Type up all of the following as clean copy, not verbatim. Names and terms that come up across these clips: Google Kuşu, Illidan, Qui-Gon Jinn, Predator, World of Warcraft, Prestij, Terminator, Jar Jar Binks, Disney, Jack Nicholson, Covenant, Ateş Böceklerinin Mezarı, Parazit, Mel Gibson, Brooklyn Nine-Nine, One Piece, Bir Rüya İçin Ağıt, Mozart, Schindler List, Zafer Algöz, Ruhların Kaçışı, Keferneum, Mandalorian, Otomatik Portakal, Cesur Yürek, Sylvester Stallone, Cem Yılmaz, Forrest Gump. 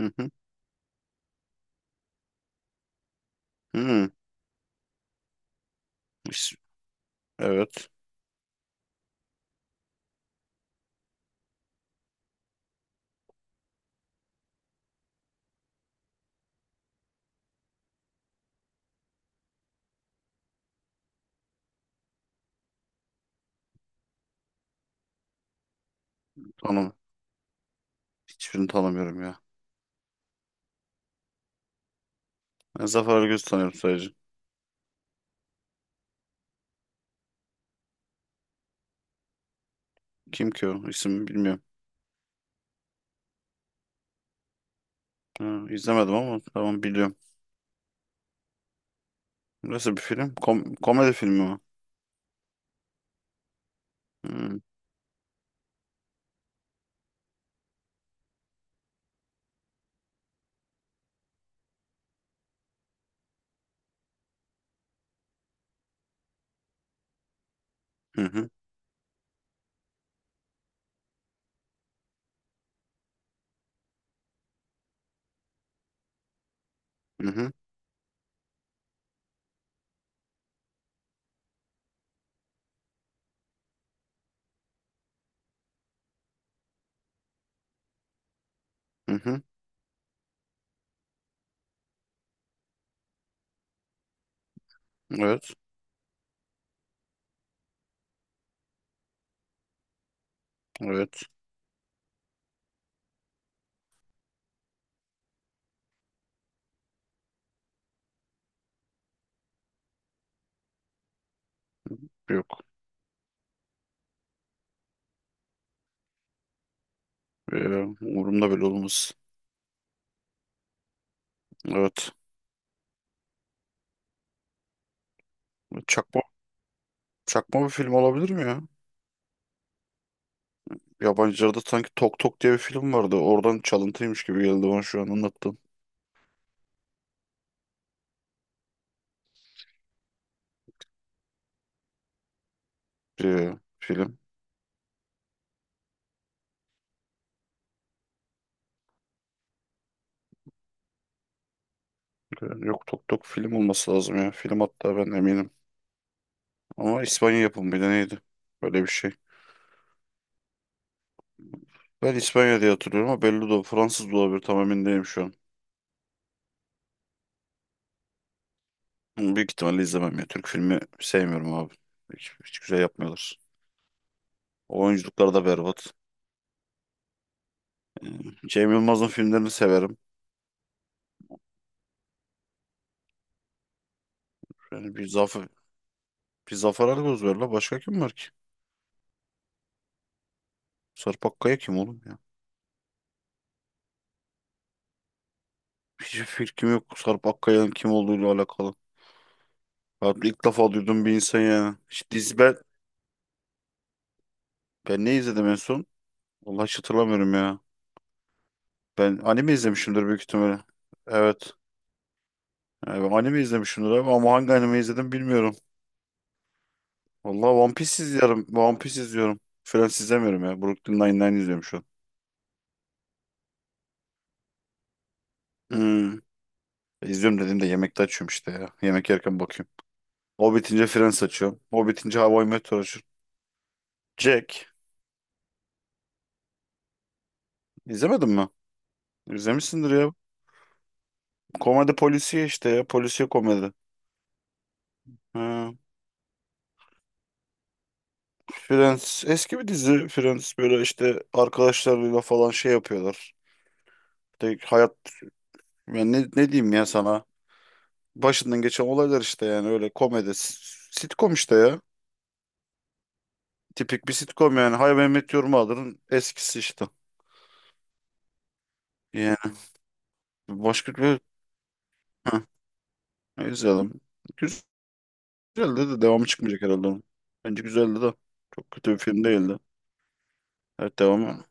Hı hı. Hı. İs- Evet. Tanım. Hiçbirini tanımıyorum ya. Ben Zafer Algöz'ü tanıyorum sadece. Kim ki o? İsmini bilmiyorum. Ha, izlemedim ama tamam biliyorum. Nasıl bir film? Komedi filmi mi? Hmm. Hı hı hı hı hı. Hı. Evet. Evet. Yok. Ee, umurumda bile olmaz. Evet. Çakma, çakma bir film olabilir mi ya? Yabancılarda sanki Tok Tok diye bir film vardı. Oradan çalıntıymış gibi geldi bana şu an anlattığım bir film. Yok, Tok Tok film olması lazım ya. Film, hatta ben eminim. Ama İspanya yapımı, bir de neydi? Böyle bir şey. Ben İspanya diye hatırlıyorum ama belli de, o Fransız da olabilir, tam emin değilim şu an. Ama büyük ihtimalle izlemem ya. Türk filmi sevmiyorum abi. Hiç güzel yapmıyorlar. Oyunculuklar da berbat. Cem Yılmaz'ın filmlerini severim. Yani bir Zafer Algöz var la. Başka kim var ki? Sarp Akkaya kim oğlum ya? Hiçbir fikrim yok Sarp Akkaya'nın kim olduğuyla alakalı. Ben ilk defa duydum bir insan yani. İşte dizi. Ben ne izledim en son? Vallahi hiç hatırlamıyorum ya. Ben anime izlemişimdir büyük ihtimalle. Evet. Yani ben anime izlemişimdir abi, ama hangi anime izledim bilmiyorum. Vallahi One Piece izliyorum. One Piece izliyorum. Friends izlemiyorum ya. Brooklyn Nine-Nine izliyorum şu an. Hmm. İzliyorum dediğimde yemekte açıyorum işte ya. Yemek yerken bakıyorum. O bitince Friends açıyorum. O bitince How I Met Your açıyorum. Jack. İzlemedin mi? İzlemişsindir ya. Komedi polisiye işte ya. Polisiye komedi. Ha. Friends. Eski bir dizi Friends. Böyle işte arkadaşlarıyla falan şey yapıyorlar. De hayat, yani ne diyeyim ya sana? Başından geçen olaylar işte, yani öyle komedi. Sitcom işte ya. Tipik bir sitcom yani. Hay ben Met Your Mother'ın eskisi işte. Yani başka bir. Heh, izleyelim. Güzeldi de devamı çıkmayacak herhalde onun. Bence güzeldi de. Çok kötü bir film değildi. Evet, devamı.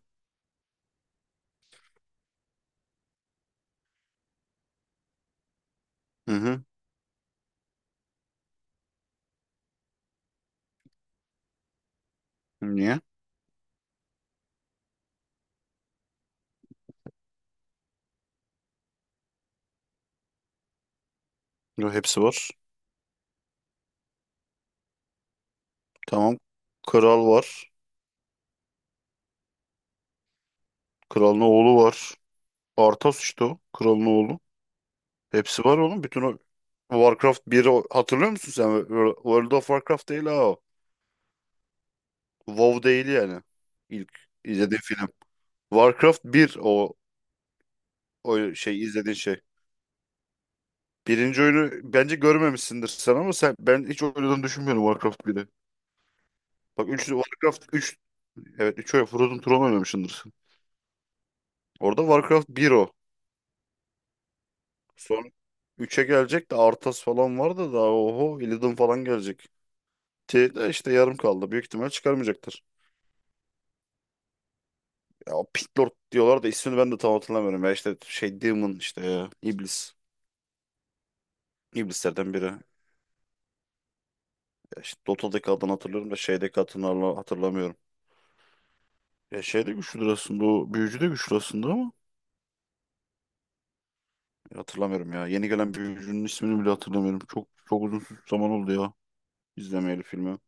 Hı hı. Niye? Yo, hepsi var. Tamam. Kral var. Kralın oğlu var. Arthas işte o. Kralın oğlu. Hepsi var oğlum. Bütün o Warcraft 1'i hatırlıyor musun sen? World of Warcraft değil ha o. WoW değil yani. İlk izlediğin film. Warcraft bir o, şey izlediğin şey. Birinci oyunu bence görmemişsindir sen, ama sen, ben hiç oynadığını düşünmüyorum Warcraft 1'i. Bak, 3 Warcraft üç, evet, 3 oyun Frozen Throne oynamışsındır. Orada Warcraft bir o. Son üçe gelecek de Arthas falan var da daha, oho, Illidan falan gelecek. Şey de işte yarım kaldı. Büyük ihtimal çıkarmayacaktır. Ya o Pit Lord diyorlar da ismini ben de tam hatırlamıyorum. Ya işte şey Demon işte ya. İblis. İblislerden biri. Ya işte Dota'daki adını hatırlıyorum da şeydeki adını hatırlamıyorum. Ya şey de güçlüdür aslında, o büyücü de güçlü aslında ama ya hatırlamıyorum ya. Yeni gelen büyücünün ismini bile hatırlamıyorum. Çok çok uzun zaman oldu ya izlemeyeli filmi.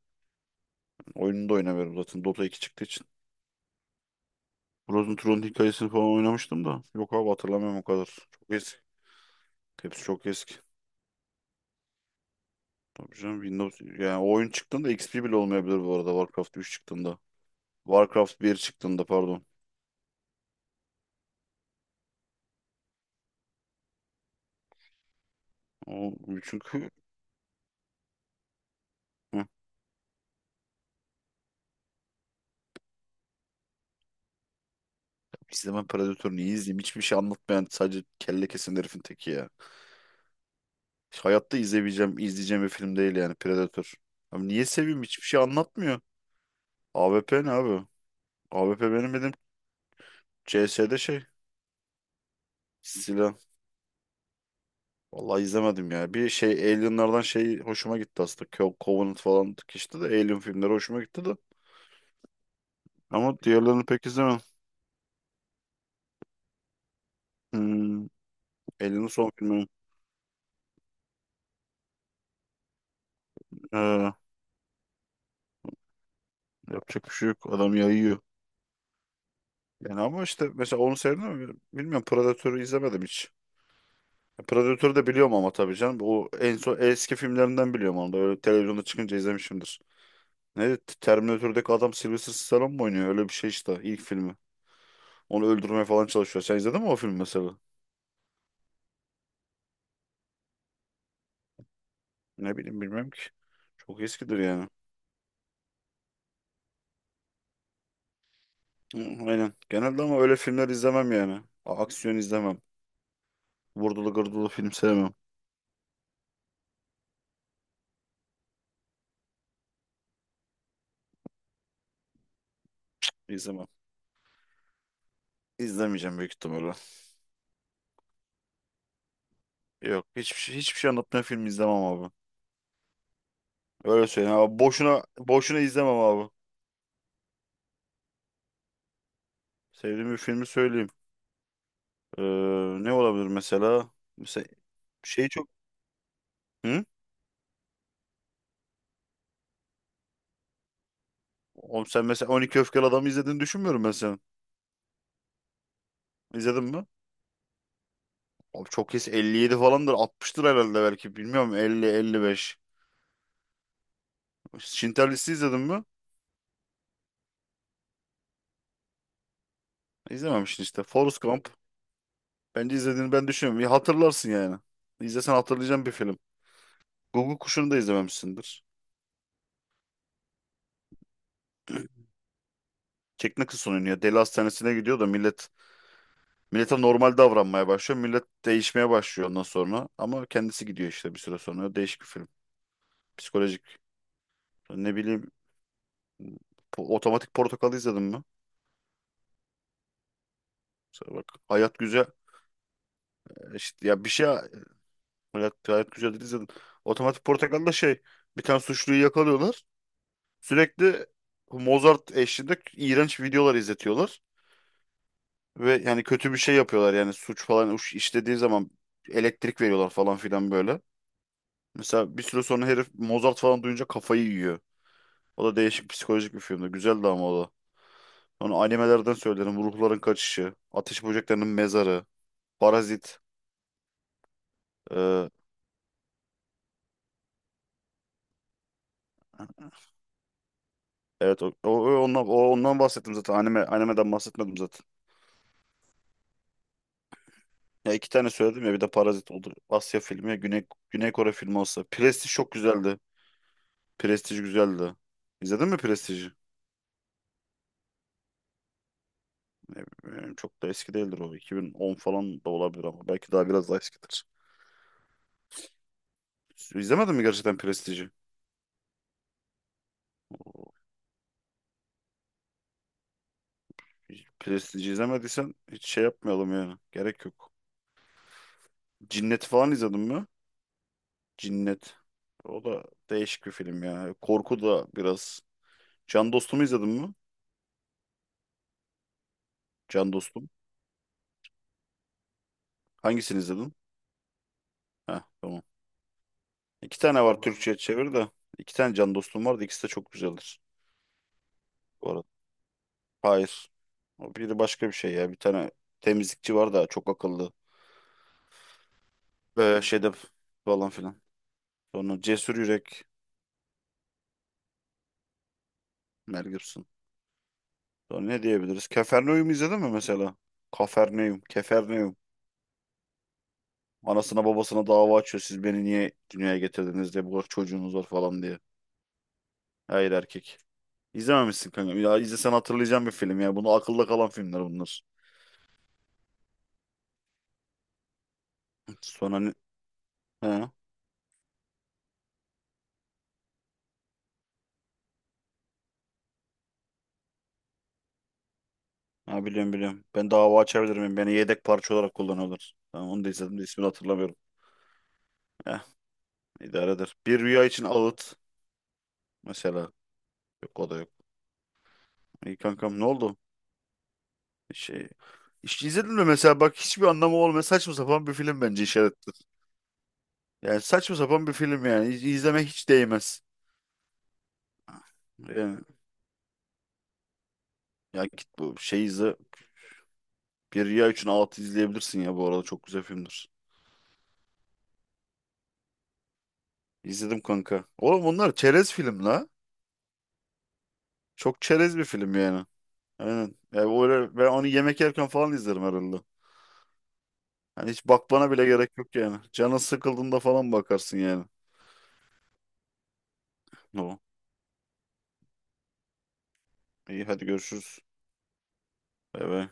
Oyununu da oynamıyorum zaten Dota 2 çıktığı için. Frozen Throne hikayesini falan oynamıştım da. Yok abi, hatırlamıyorum o kadar. Çok eski. Hepsi çok eski. Tabii canım, Windows yani, o oyun çıktığında XP bile olmayabilir, bu arada Warcraft 3 çıktığında. Warcraft 1 çıktığında pardon. O, çünkü. Hı. izlemem Predator, niye izleyeyim? Hiçbir şey anlatmayan, sadece kelle kesen herifin teki ya. Hayatta izleyeceğim bir film değil yani Predator. Abi niye seveyim? Hiçbir şey anlatmıyor. AWP ne abi? AWP benim dedim, CS'de şey silah. Vallahi izlemedim ya. Bir şey, Alien'lardan şey hoşuma gitti aslında. Covenant falan işte, de Alien filmleri hoşuma gitti de. Ama diğerlerini pek izlemem. Hmm, Alien'ın son filmi. Ee, yapacak bir şey yok. Adam yayıyor. Yani ama işte mesela onu sevdim mi bilmiyorum. Predator'u izlemedim hiç. Predator'u da biliyorum ama tabii canım. O en son eski filmlerinden biliyorum onu da. Öyle televizyonda çıkınca izlemişimdir. Neydi? Terminator'daki adam Sylvester Stallone mu oynuyor? Öyle bir şey işte, ilk filmi. Onu öldürmeye falan çalışıyor. Sen izledin mi o filmi mesela? Ne bileyim, bilmem ki. Çok eskidir yani. Hı, aynen. Genelde ama öyle filmler izlemem yani. Aksiyon izlemem. Vurdulu gırdılı film sevmem. İzlemem. İzlemeyeceğim büyük ihtimalle. Yok. Hiçbir şey anlatmayan film izlemem abi. Öyle söyleyeyim abi. Boşuna izlemem abi. Sevdiğim bir filmi söyleyeyim. Ee, ne olabilir mesela? Mesela şey çok. Hı? Oğlum sen mesela 12 Öfkeli Adam'ı izlediğini düşünmüyorum ben senin. İzledin mi? Abi çok kesin 57 falandır. 60'tır herhalde, belki. Bilmiyorum, 50-55. Schindler List'i izledin mi? İzlememişsin işte. Forrest Gump. Bence izlediğini ben düşünüyorum. Ya hatırlarsın yani. İzlesen hatırlayacağım bir film. Google Kuşu'nu da izlememişsindir. Jack Nicholson oynuyor. Deli hastanesine gidiyor da millete normal davranmaya başlıyor. Millet değişmeye başlıyor ondan sonra. Ama kendisi gidiyor işte bir süre sonra. Değişik bir film. Psikolojik. Ne bileyim, Otomatik Portakal'ı izledin mi? Mesela bak, Hayat Güzel, işte ya bir şey, Hayat Güzel'i izledim. Otomatik Portakal'da şey, bir tane suçluyu yakalıyorlar. Sürekli Mozart eşliğinde iğrenç videolar izletiyorlar. Ve yani kötü bir şey yapıyorlar, yani suç falan işlediği zaman elektrik veriyorlar falan filan böyle. Mesela bir süre sonra herif Mozart falan duyunca kafayı yiyor. O da değişik psikolojik bir filmdi. Güzeldi ama o da. Onu animelerden söylerim. Ruhların Kaçışı, Ateş Böceklerinin Mezarı, Parazit. Ee, evet, o ondan bahsettim zaten. Animeden bahsetmedim zaten. Ya iki tane söyledim ya, bir de Parazit olur. Asya filmi ya, Güney Kore filmi olsa. Prestij çok güzeldi. Prestij güzeldi. İzledin mi Prestij'i? Ne bileyim, çok da eski değildir o. 2010 falan da olabilir ama belki daha, biraz daha eskidir. İzlemedin mi gerçekten Prestij'i? Prestij izlemediysen hiç şey yapmayalım yani. Gerek yok. Cinnet falan izledin mi? Cinnet. O da değişik bir film ya. Korku da biraz. Can Dostum'u izledin mi? Can Dostum. Hangisini izledin? Heh, tamam. İki tane var vallahi, Türkçe'ye çevir de. İki tane Can Dostum var da ikisi de çok güzeldir. Bu arada. Hayır. O biri başka bir şey ya. Bir tane temizlikçi var da çok akıllı. Şeyde falan filan. Sonra Cesur Yürek. Mel Gibson. Sonra ne diyebiliriz? Keferneum izledin mi mesela? Kaferneum, Keferneum. Anasına babasına dava açıyor. Siz beni niye dünyaya getirdiniz diye. Bu kadar çocuğunuz var falan diye. Hayır, erkek. İzlememişsin kanka. Ya izlesen hatırlayacağım bir film ya. Bunu, akılda kalan filmler bunlar. Sonra ne? He. Ha, biliyorum biliyorum. Ben dava açabilir miyim? Beni yedek parça olarak kullanıyorlar. Tamam, onu da izledim de ismini hatırlamıyorum. Eh, idare eder. Bir rüya için ağıt. Mesela. Yok, o da yok. İyi kankam, ne oldu? Şey işte, izledin mi mesela bak hiçbir anlamı olmayan saçma sapan bir film, bence işaretli. Yani saçma sapan bir film yani, izlemek hiç değmez. Yani, ya git bu şey izle. Bir Riya üçün altı izleyebilirsin ya, bu arada çok güzel filmdir. İzledim kanka. Oğlum, bunlar çerez film la. Çok çerez bir film yani. Aynen. Yani öyle, ben onu yemek yerken falan izlerim herhalde. Hani hiç bakmana bile gerek yok yani. Canın sıkıldığında falan bakarsın yani. O. İyi, hadi görüşürüz. Bay bay.